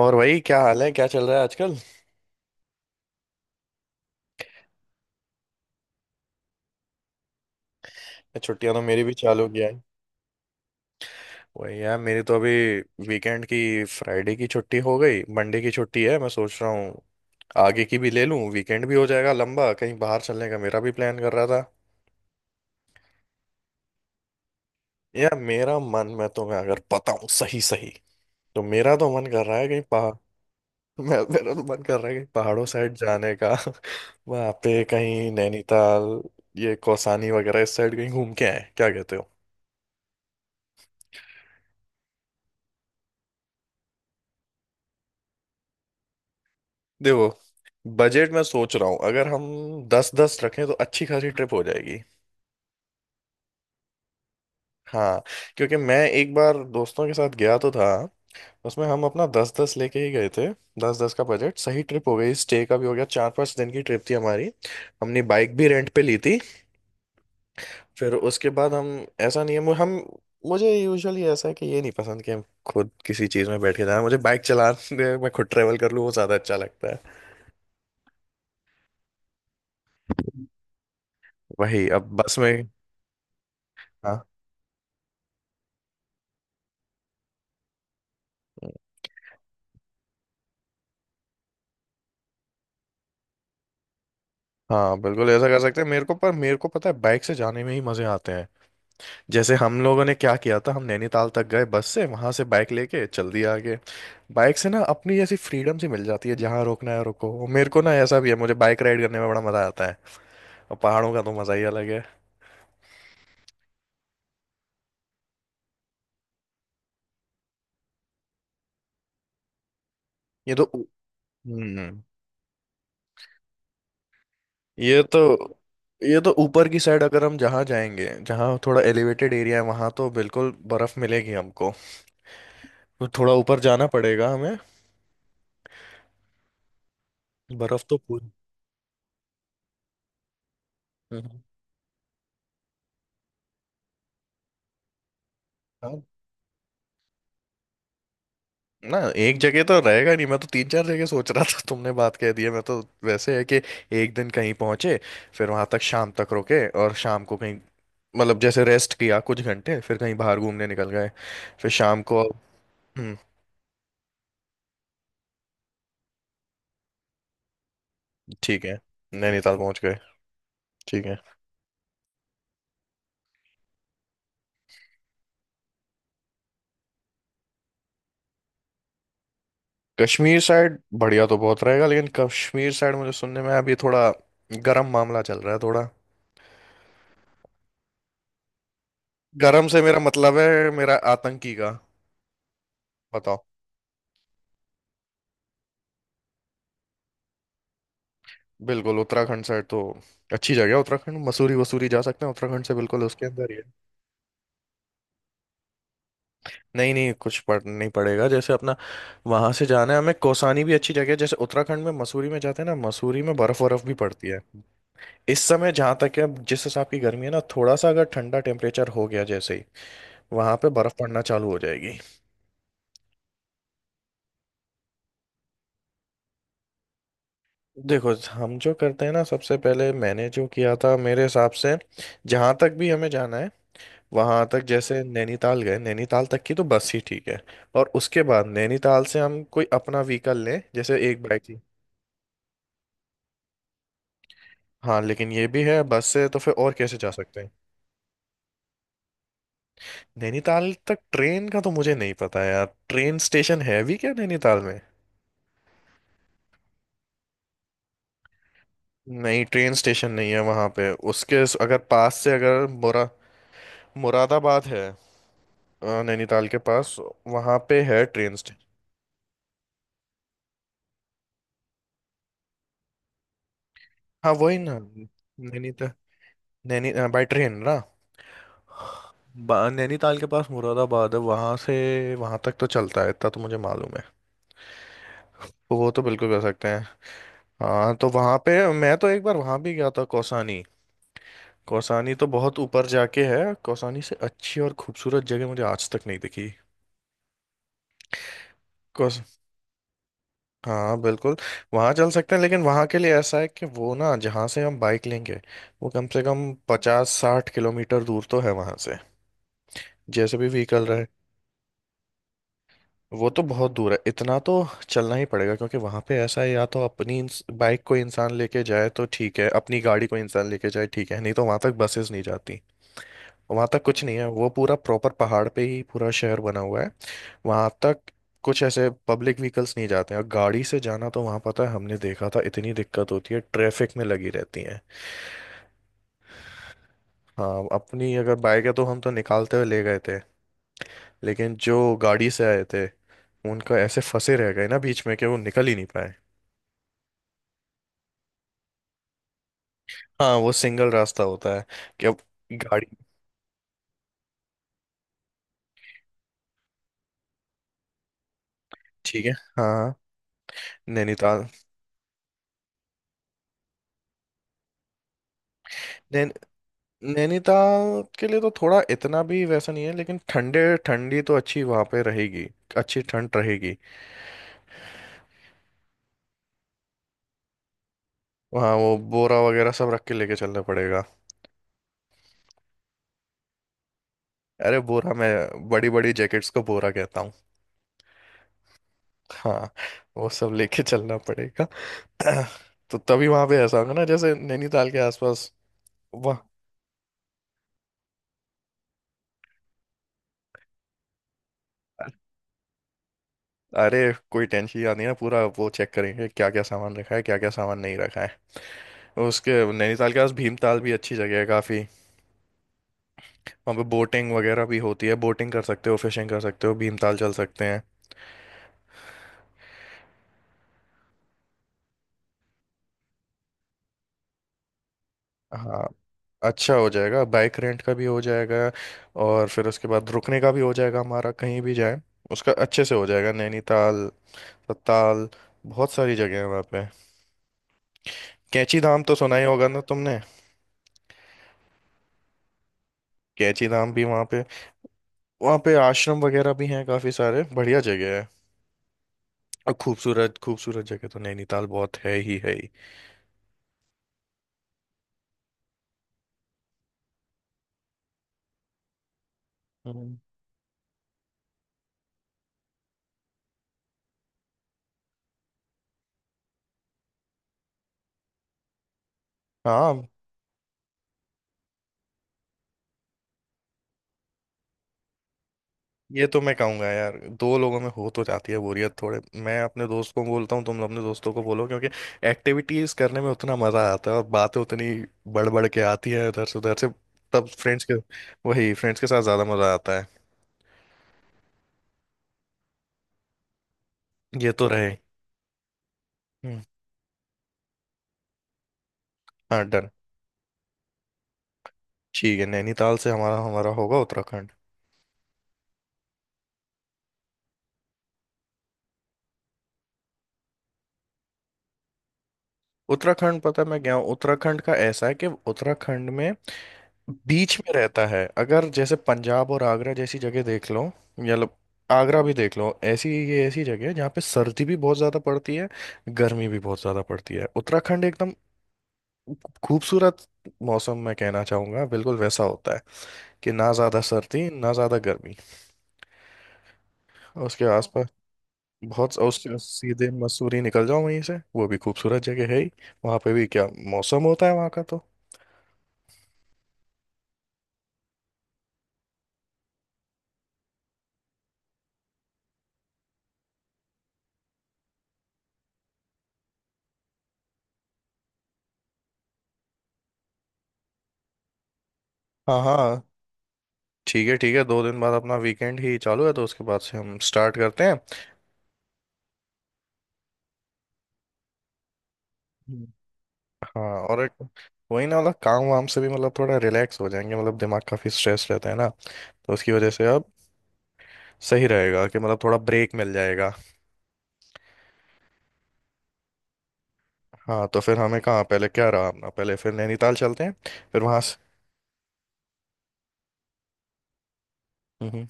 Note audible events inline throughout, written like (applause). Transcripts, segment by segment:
और वही क्या हाल है, क्या चल रहा है आजकल। छुट्टियां तो मेरी भी चालू हो गया है। वही यार, मेरी तो अभी वीकेंड की, फ्राइडे की छुट्टी हो गई, मंडे की छुट्टी है। मैं सोच रहा हूँ आगे की भी ले लूँ, वीकेंड भी हो जाएगा लंबा, कहीं बाहर चलने का मेरा भी प्लान कर रहा था। यार मेरा मन, मैं तुम्हें अगर बताऊँ सही सही, तो मेरा तो मन कर रहा है कहीं पहाड़। (laughs) मैं मेरा तो मन कर रहा है कहीं पहाड़ों साइड जाने का। (laughs) वहाँ पे कहीं नैनीताल, ये कौसानी वगैरह, इस साइड कहीं घूम के आए, क्या कहते हो। देखो, बजट में सोच रहा हूँ, अगर हम 10-10 रखें तो अच्छी खासी ट्रिप हो जाएगी। हाँ, क्योंकि मैं एक बार दोस्तों के साथ गया तो था, उसमें हम अपना 10-10 लेके ही गए थे। 10-10 का बजट, सही ट्रिप हो गई, स्टे का भी हो गया, 4-5 दिन की ट्रिप थी हमारी। हमने बाइक भी रेंट पे ली थी। फिर उसके बाद हम, ऐसा नहीं है हम, मुझे यूजुअली ऐसा है कि ये नहीं पसंद कि हम खुद किसी चीज़ में बैठ के जाना, मुझे बाइक चलाने मैं खुद ट्रेवल कर लूँ वो ज़्यादा अच्छा लगता है। वही, अब बस में। हाँ, हाँ बिल्कुल ऐसा कर सकते हैं, मेरे को, पर मेरे को पता है बाइक से जाने में ही मजे आते हैं। जैसे हम लोगों ने क्या किया था, हम नैनीताल तक गए बस से, वहां से बाइक लेके चल दिया आगे। बाइक से ना अपनी ऐसी फ्रीडम सी मिल जाती है, जहाँ रोकना है रोको, और मेरे को ना ऐसा भी है, मुझे बाइक राइड करने में बड़ा मजा आता है। और पहाड़ों का तो मजा ही अलग है। ये तो। हम्म। ये तो ये तो ऊपर की साइड अगर हम जहाँ जाएंगे, जहाँ थोड़ा एलिवेटेड एरिया है, वहां तो बिल्कुल बर्फ मिलेगी हमको। तो थोड़ा ऊपर जाना पड़ेगा हमें। बर्फ तो पूरी। हम्म। हाँ। ना, एक जगह तो रहेगा नहीं, मैं तो तीन चार जगह सोच रहा था, तुमने बात कह दी है, मैं तो वैसे है कि एक दिन कहीं पहुंचे, फिर वहां तक शाम तक रुके, और शाम को कहीं, मतलब जैसे रेस्ट किया कुछ घंटे, फिर कहीं बाहर घूमने निकल गए, फिर शाम को। हम्म। ठीक है, नैनीताल पहुंच गए, ठीक है। कश्मीर साइड बढ़िया तो बहुत रहेगा, लेकिन कश्मीर साइड मुझे सुनने में अभी थोड़ा गर्म मामला चल रहा है थोड़ा। गर्म से मेरा मतलब है मेरा आतंकी का। बताओ, बिल्कुल उत्तराखंड साइड तो अच्छी जगह है, उत्तराखंड, मसूरी वसूरी जा सकते हैं उत्तराखंड से, बिल्कुल उसके अंदर ही है। नहीं नहीं, कुछ पढ़ नहीं पड़ेगा, जैसे अपना वहां से जाना है हमें, कौसानी भी अच्छी जगह है। जैसे उत्तराखंड में मसूरी में जाते हैं ना, मसूरी में बर्फ बर्फ भी पड़ती है इस समय, जहां तक है। अब जिस हिसाब की गर्मी है ना, थोड़ा सा अगर ठंडा टेम्परेचर हो गया, जैसे ही वहां पे बर्फ पड़ना चालू हो जाएगी। देखो हम जो करते हैं ना, सबसे पहले मैंने जो किया था मेरे हिसाब से, जहां तक भी हमें जाना है वहां तक, जैसे नैनीताल गए, नैनीताल तक की तो बस ही ठीक है। और उसके बाद नैनीताल से हम कोई अपना व्हीकल लें, जैसे एक बाइक थी। हाँ लेकिन ये भी है, बस से तो फिर और कैसे जा सकते हैं। नैनीताल तक ट्रेन का तो मुझे नहीं पता यार, ट्रेन स्टेशन है भी क्या नैनीताल में। नहीं, ट्रेन स्टेशन नहीं है वहां पे, उसके अगर पास से, अगर मुरा मुरादाबाद है नैनीताल के पास, वहां पे है ट्रेन स्टेशन। हाँ वही ना, नैनीताल, नैनी, बाय ट्रेन ना, नैनीताल के पास मुरादाबाद है, वहां से वहां तक तो चलता है, इतना तो मुझे मालूम है। तो वो तो बिल्कुल कर सकते हैं। हाँ तो वहां पे, मैं तो एक बार वहां भी गया था, कौसानी। कौसानी तो बहुत ऊपर जाके है, कौसानी से अच्छी और खूबसूरत जगह मुझे आज तक नहीं दिखी। कौस, हाँ बिल्कुल, वहां चल सकते हैं लेकिन वहां के लिए ऐसा है कि वो ना, जहाँ से हम बाइक लेंगे वो कम से कम 50-60 किलोमीटर दूर तो है वहां से, जैसे भी व्हीकल रहे। वो तो बहुत दूर है, इतना तो चलना ही पड़ेगा, क्योंकि वहां पे ऐसा है या तो अपनी बाइक को इंसान लेके जाए तो ठीक है, अपनी गाड़ी को इंसान लेके जाए ठीक है, नहीं तो वहां तक बसेस नहीं जाती। वहां तक कुछ नहीं है, वो पूरा प्रॉपर पहाड़ पे ही पूरा शहर बना हुआ है। वहां तक कुछ ऐसे पब्लिक व्हीकल्स नहीं जाते हैं, और गाड़ी से जाना तो वहां पता है, हमने देखा था, इतनी दिक्कत होती है, ट्रैफिक में लगी रहती है। हाँ अपनी अगर बाइक है तो, हम तो निकालते हुए ले गए थे, लेकिन जो गाड़ी से आए थे उनका ऐसे फंसे रह गए ना बीच में कि वो निकल ही नहीं पाए। हाँ, वो सिंगल रास्ता होता है कि अब गाड़ी, ठीक है। हाँ हाँ, नैनीताल, नैन, नैनीताल के लिए तो थोड़ा इतना भी वैसा नहीं है, लेकिन ठंडे ठंडी तो अच्छी वहाँ पे रहेगी, अच्छी ठंड रहेगी। वहाँ वो बोरा वगैरह सब रख के लेके चलना पड़ेगा। अरे बोरा, मैं बड़ी बड़ी जैकेट्स को बोरा कहता हूँ। हाँ, वो सब लेके चलना पड़ेगा। (clears throat) तो तभी वहाँ पे ऐसा होगा ना, जैसे नैनीताल के आसपास। वाह, अरे कोई टेंशन नहीं है, पूरा वो चेक करेंगे, क्या क्या सामान रखा है क्या क्या सामान नहीं रखा है। उसके नैनीताल के पास भीमताल भी अच्छी जगह है काफ़ी, वहाँ पे बोटिंग वगैरह भी होती है, बोटिंग कर सकते हो, फिशिंग कर सकते हो, भीमताल चल सकते हैं। हाँ, अच्छा हो जाएगा, बाइक रेंट का भी हो जाएगा, और फिर उसके बाद रुकने का भी हो जाएगा हमारा, कहीं भी जाए, उसका अच्छे से हो जाएगा। नैनीताल, सत्ताल, बहुत सारी जगह है वहाँ पे। कैंची धाम तो सुना ही होगा ना तुमने, कैंची धाम भी वहाँ पे, वहाँ पे आश्रम वगैरह भी हैं काफ़ी सारे, बढ़िया जगह है। और खूबसूरत खूबसूरत जगह तो नैनीताल बहुत है ही, है ही। हम्म। हाँ, ये तो मैं कहूंगा यार, दो लोगों में हो तो जाती है बोरियत थोड़े, मैं अपने दोस्त को बोलता हूँ, तुम अपने दोस्तों को बोलो, क्योंकि एक्टिविटीज करने में उतना मजा आता है, और बातें उतनी बढ़ बढ़ के आती है इधर से उधर से, तब फ्रेंड्स के, वही फ्रेंड्स के साथ ज्यादा मजा आता है। ये तो रहे। हम्म। हाँ डन, ठीक है, नैनीताल से हमारा हमारा होगा उत्तराखंड। उत्तराखंड पता है, मैं गया हूँ उत्तराखंड का, ऐसा है कि उत्तराखंड में बीच में रहता है, अगर जैसे पंजाब और आगरा जैसी जगह देख लो, या लो- आगरा भी देख लो, ऐसी ये ऐसी जगह है जहाँ पे सर्दी भी बहुत ज़्यादा पड़ती है, गर्मी भी बहुत ज़्यादा पड़ती है। उत्तराखंड एकदम खूबसूरत मौसम, मैं कहना चाहूँगा बिल्कुल वैसा होता है, कि ना ज़्यादा सर्दी ना ज़्यादा गर्मी। और उसके आसपास बहुत, उसके सीधे मसूरी निकल जाओ, वहीं से, वो भी खूबसूरत जगह है ही, वहाँ पे भी क्या मौसम होता है वहाँ का तो। हाँ हाँ, ठीक है ठीक है, दो दिन बाद अपना वीकेंड ही चालू है, तो उसके बाद से हम स्टार्ट करते हैं। हम्म। हाँ और एक, वही ना मतलब काम वाम से भी, मतलब थोड़ा रिलैक्स हो जाएंगे, मतलब दिमाग काफी स्ट्रेस रहता है ना, तो उसकी वजह से अब सही रहेगा कि, मतलब थोड़ा ब्रेक मिल जाएगा। हाँ तो फिर हमें कहाँ पहले, क्या रहा अपना पहले, फिर नैनीताल चलते हैं। फिर वहां से। हम्म।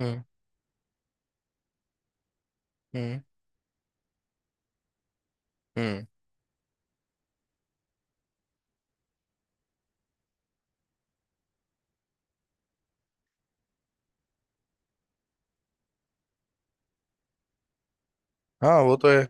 हम्म। हम्म। हम्म। हाँ वो तो है।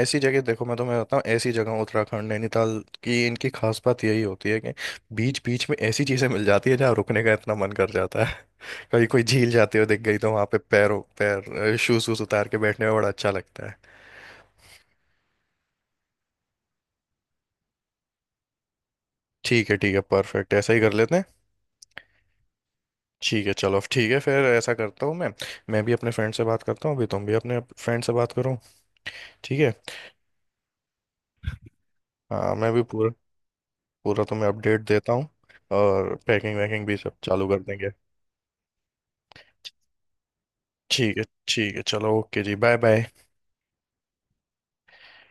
ऐसी जगह देखो मैं तुम्हें बताता हूँ, ऐसी जगह उत्तराखंड, नैनीताल की, इनकी खास बात यही होती है कि बीच बीच में ऐसी चीजें मिल जाती है, जहाँ रुकने का इतना मन कर जाता है। (laughs) कभी कोई झील जाते हुए दिख गई तो वहां पे पैरों पैर शूज वूज उतार के बैठने में बड़ा अच्छा लगता है। ठीक है ठीक है, परफेक्ट, ऐसा ही कर लेते हैं। ठीक है चलो, ठीक है, फिर ऐसा करता हूँ मैं भी अपने फ्रेंड से बात करता हूँ, अभी तुम भी अपने फ्रेंड से बात करो, ठीक है। हाँ, मैं भी पूरा पूरा तुम्हें अपडेट देता हूँ, और पैकिंग वैकिंग भी सब चालू कर देंगे। ठीक है ठीक है, चलो ओके जी, बाय बाय।